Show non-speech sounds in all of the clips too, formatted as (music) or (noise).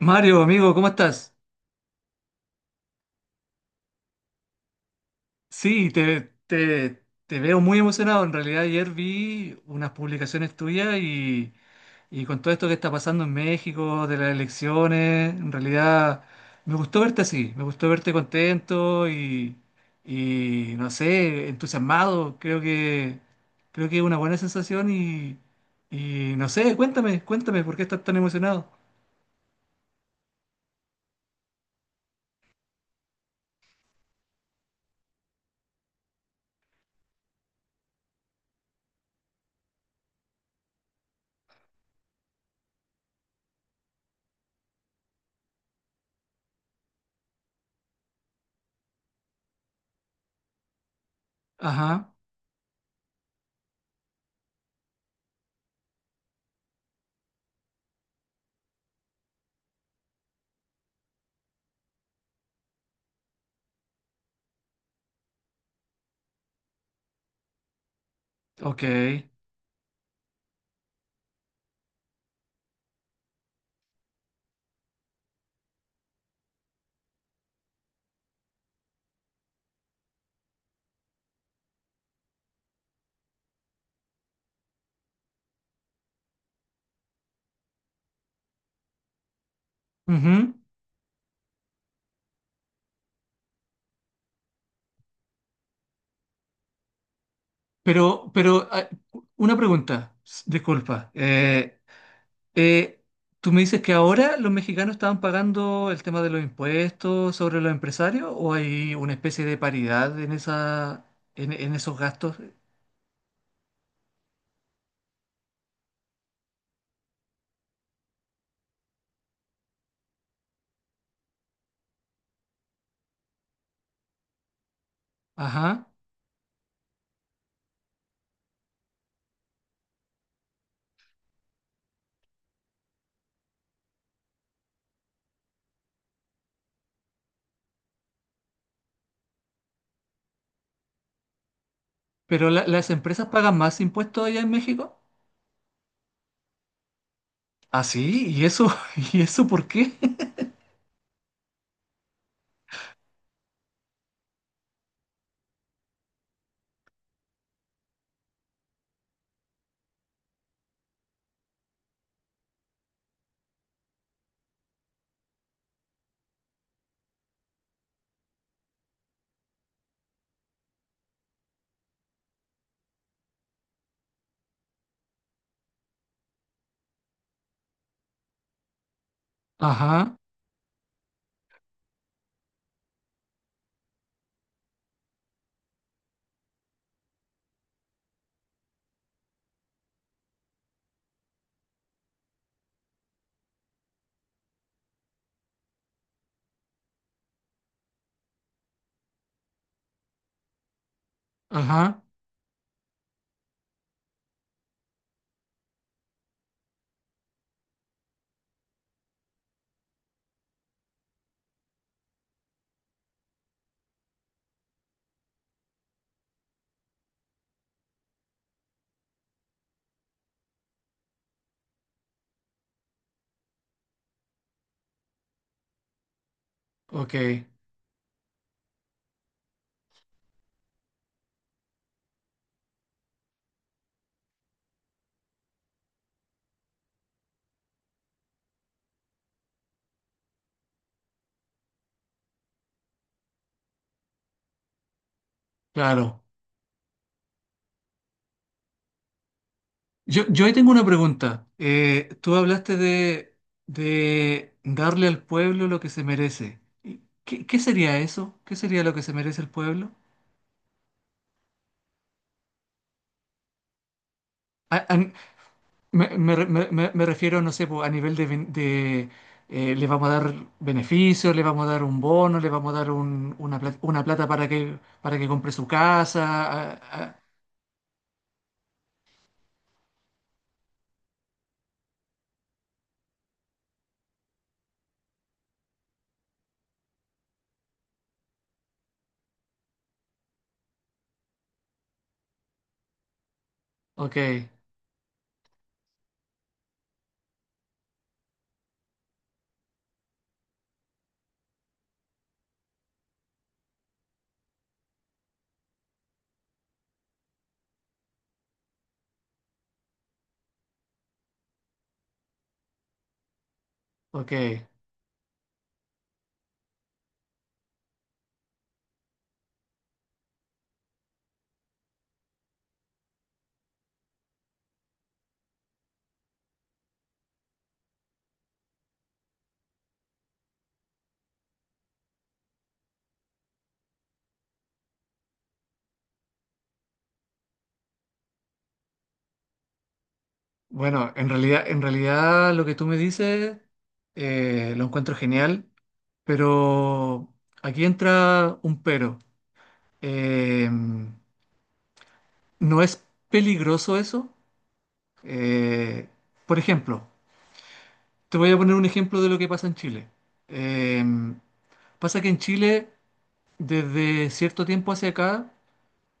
Mario, amigo, ¿cómo estás? Sí, te veo muy emocionado. En realidad ayer vi unas publicaciones tuyas y con todo esto que está pasando en México, de las elecciones, en realidad me gustó verte así, me gustó verte contento y no sé, entusiasmado. Creo que es una buena sensación y no sé, cuéntame, cuéntame por qué estás tan emocionado. Ajá, ok. Ujú. Pero, una pregunta, disculpa. Eh, ¿Tú me dices que ahora los mexicanos estaban pagando el tema de los impuestos sobre los empresarios o hay una especie de paridad en esa, en esos gastos? Ajá. ¿Pero las empresas pagan más impuestos allá en México? Ah, sí, ¿y eso? (laughs) ¿Y eso por qué? Ajá, ajá, ok, claro. Yo ahí tengo una pregunta. Tú hablaste de darle al pueblo lo que se merece. ¿Qué sería eso? ¿Qué sería lo que se merece el pueblo? A- a- Me refiero, no sé, po, a nivel de, de, le vamos a dar beneficios, le vamos a dar un bono, le vamos a dar una, una plata para que compre su casa. Ok, ok. Bueno, en realidad lo que tú me dices, lo encuentro genial. Pero aquí entra un pero. Eh, ¿No es peligroso eso? Eh, por ejemplo, te voy a poner un ejemplo de lo que pasa en Chile. Eh, pasa que en Chile, desde cierto tiempo hacia acá,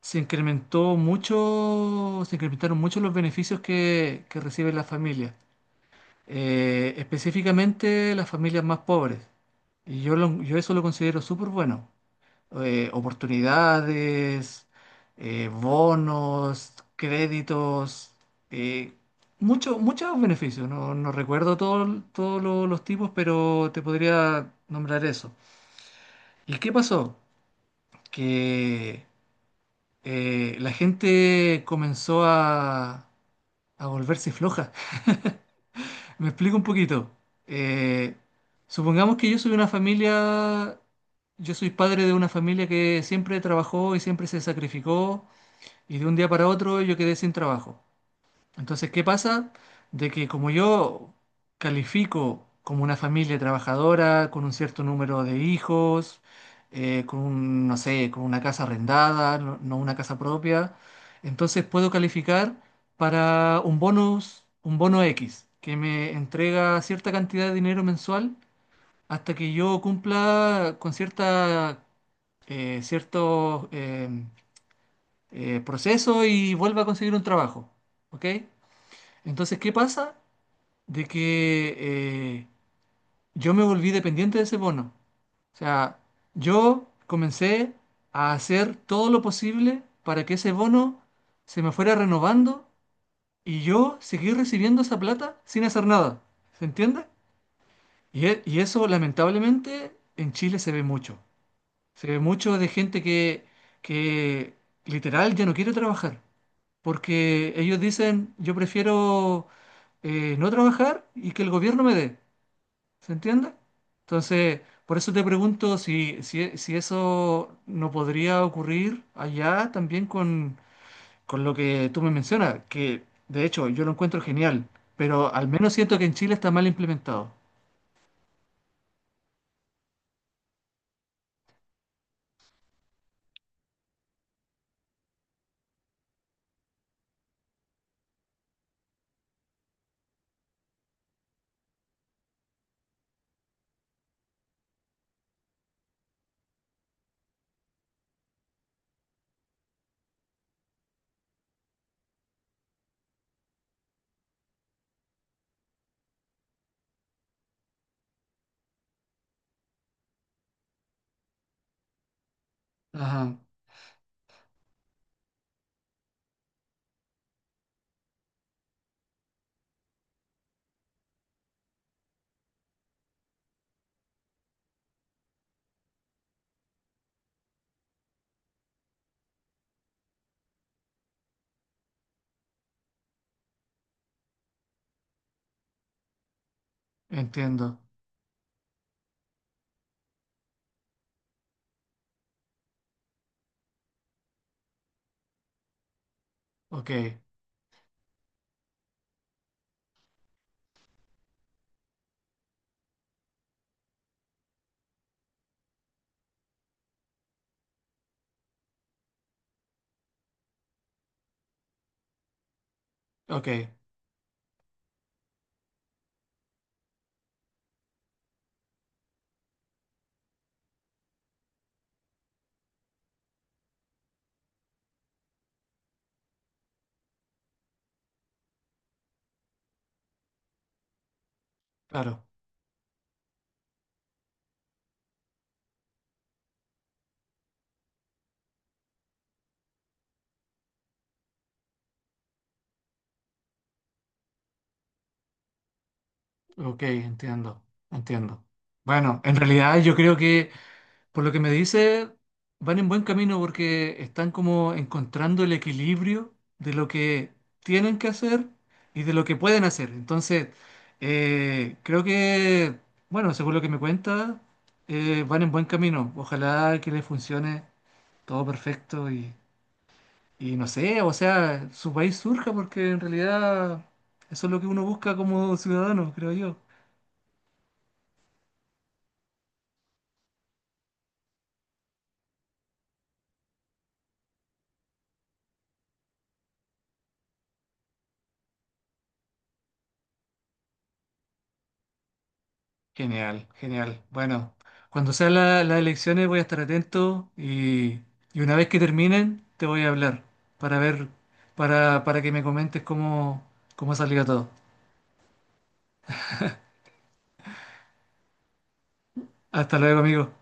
se incrementaron mucho los beneficios que reciben las familias. Específicamente las familias más pobres. Y yo, yo eso lo considero súper bueno. Eh, oportunidades, bonos, créditos, eh, muchos beneficios. No, no recuerdo todos los tipos, pero te podría nombrar eso. ¿Y qué pasó? Que, la gente comenzó a volverse floja. (laughs) Me explico un poquito. Eh, supongamos que yo soy una familia, yo soy padre de una familia que siempre trabajó y siempre se sacrificó. Y de un día para otro yo quedé sin trabajo. Entonces, ¿qué pasa? De que como yo califico como una familia trabajadora, con un cierto número de hijos, con un, no sé, con una casa arrendada, no, no una casa propia, entonces puedo calificar para un bonus, un bono X, que me entrega cierta cantidad de dinero mensual hasta que yo cumpla con cierta, eh, ciertos, em, proceso y vuelva a conseguir un trabajo. ¿Ok? Entonces, ¿qué pasa? De que, yo me volví dependiente de ese bono. O sea, yo comencé a hacer todo lo posible para que ese bono se me fuera renovando y yo seguir recibiendo esa plata sin hacer nada. ¿Se entiende? Y eso, lamentablemente, en Chile se ve mucho. Se ve mucho de gente que literal ya no quiere trabajar. Porque ellos dicen, yo prefiero, no trabajar y que el gobierno me dé, ¿se entiende? Entonces, por eso te pregunto si, si eso no podría ocurrir allá también con lo que tú me mencionas, que de hecho yo lo encuentro genial, pero al menos siento que en Chile está mal implementado. Ajá, entiendo. Ok, ok, claro, ok, entiendo, entiendo. Bueno, en realidad yo creo que... Por lo que me dice, van en buen camino porque están como encontrando el equilibrio de lo que tienen que hacer y de lo que pueden hacer. Entonces, creo que, bueno, según lo que me cuenta, van en buen camino. Ojalá que les funcione todo perfecto y no sé, o sea, su país surja porque en realidad eso es lo que uno busca como ciudadano, creo yo. Genial, genial. Bueno, cuando sean las elecciones voy a estar atento y una vez que terminen te voy a hablar para ver, para que me comentes cómo, cómo salió todo. Hasta luego, amigo.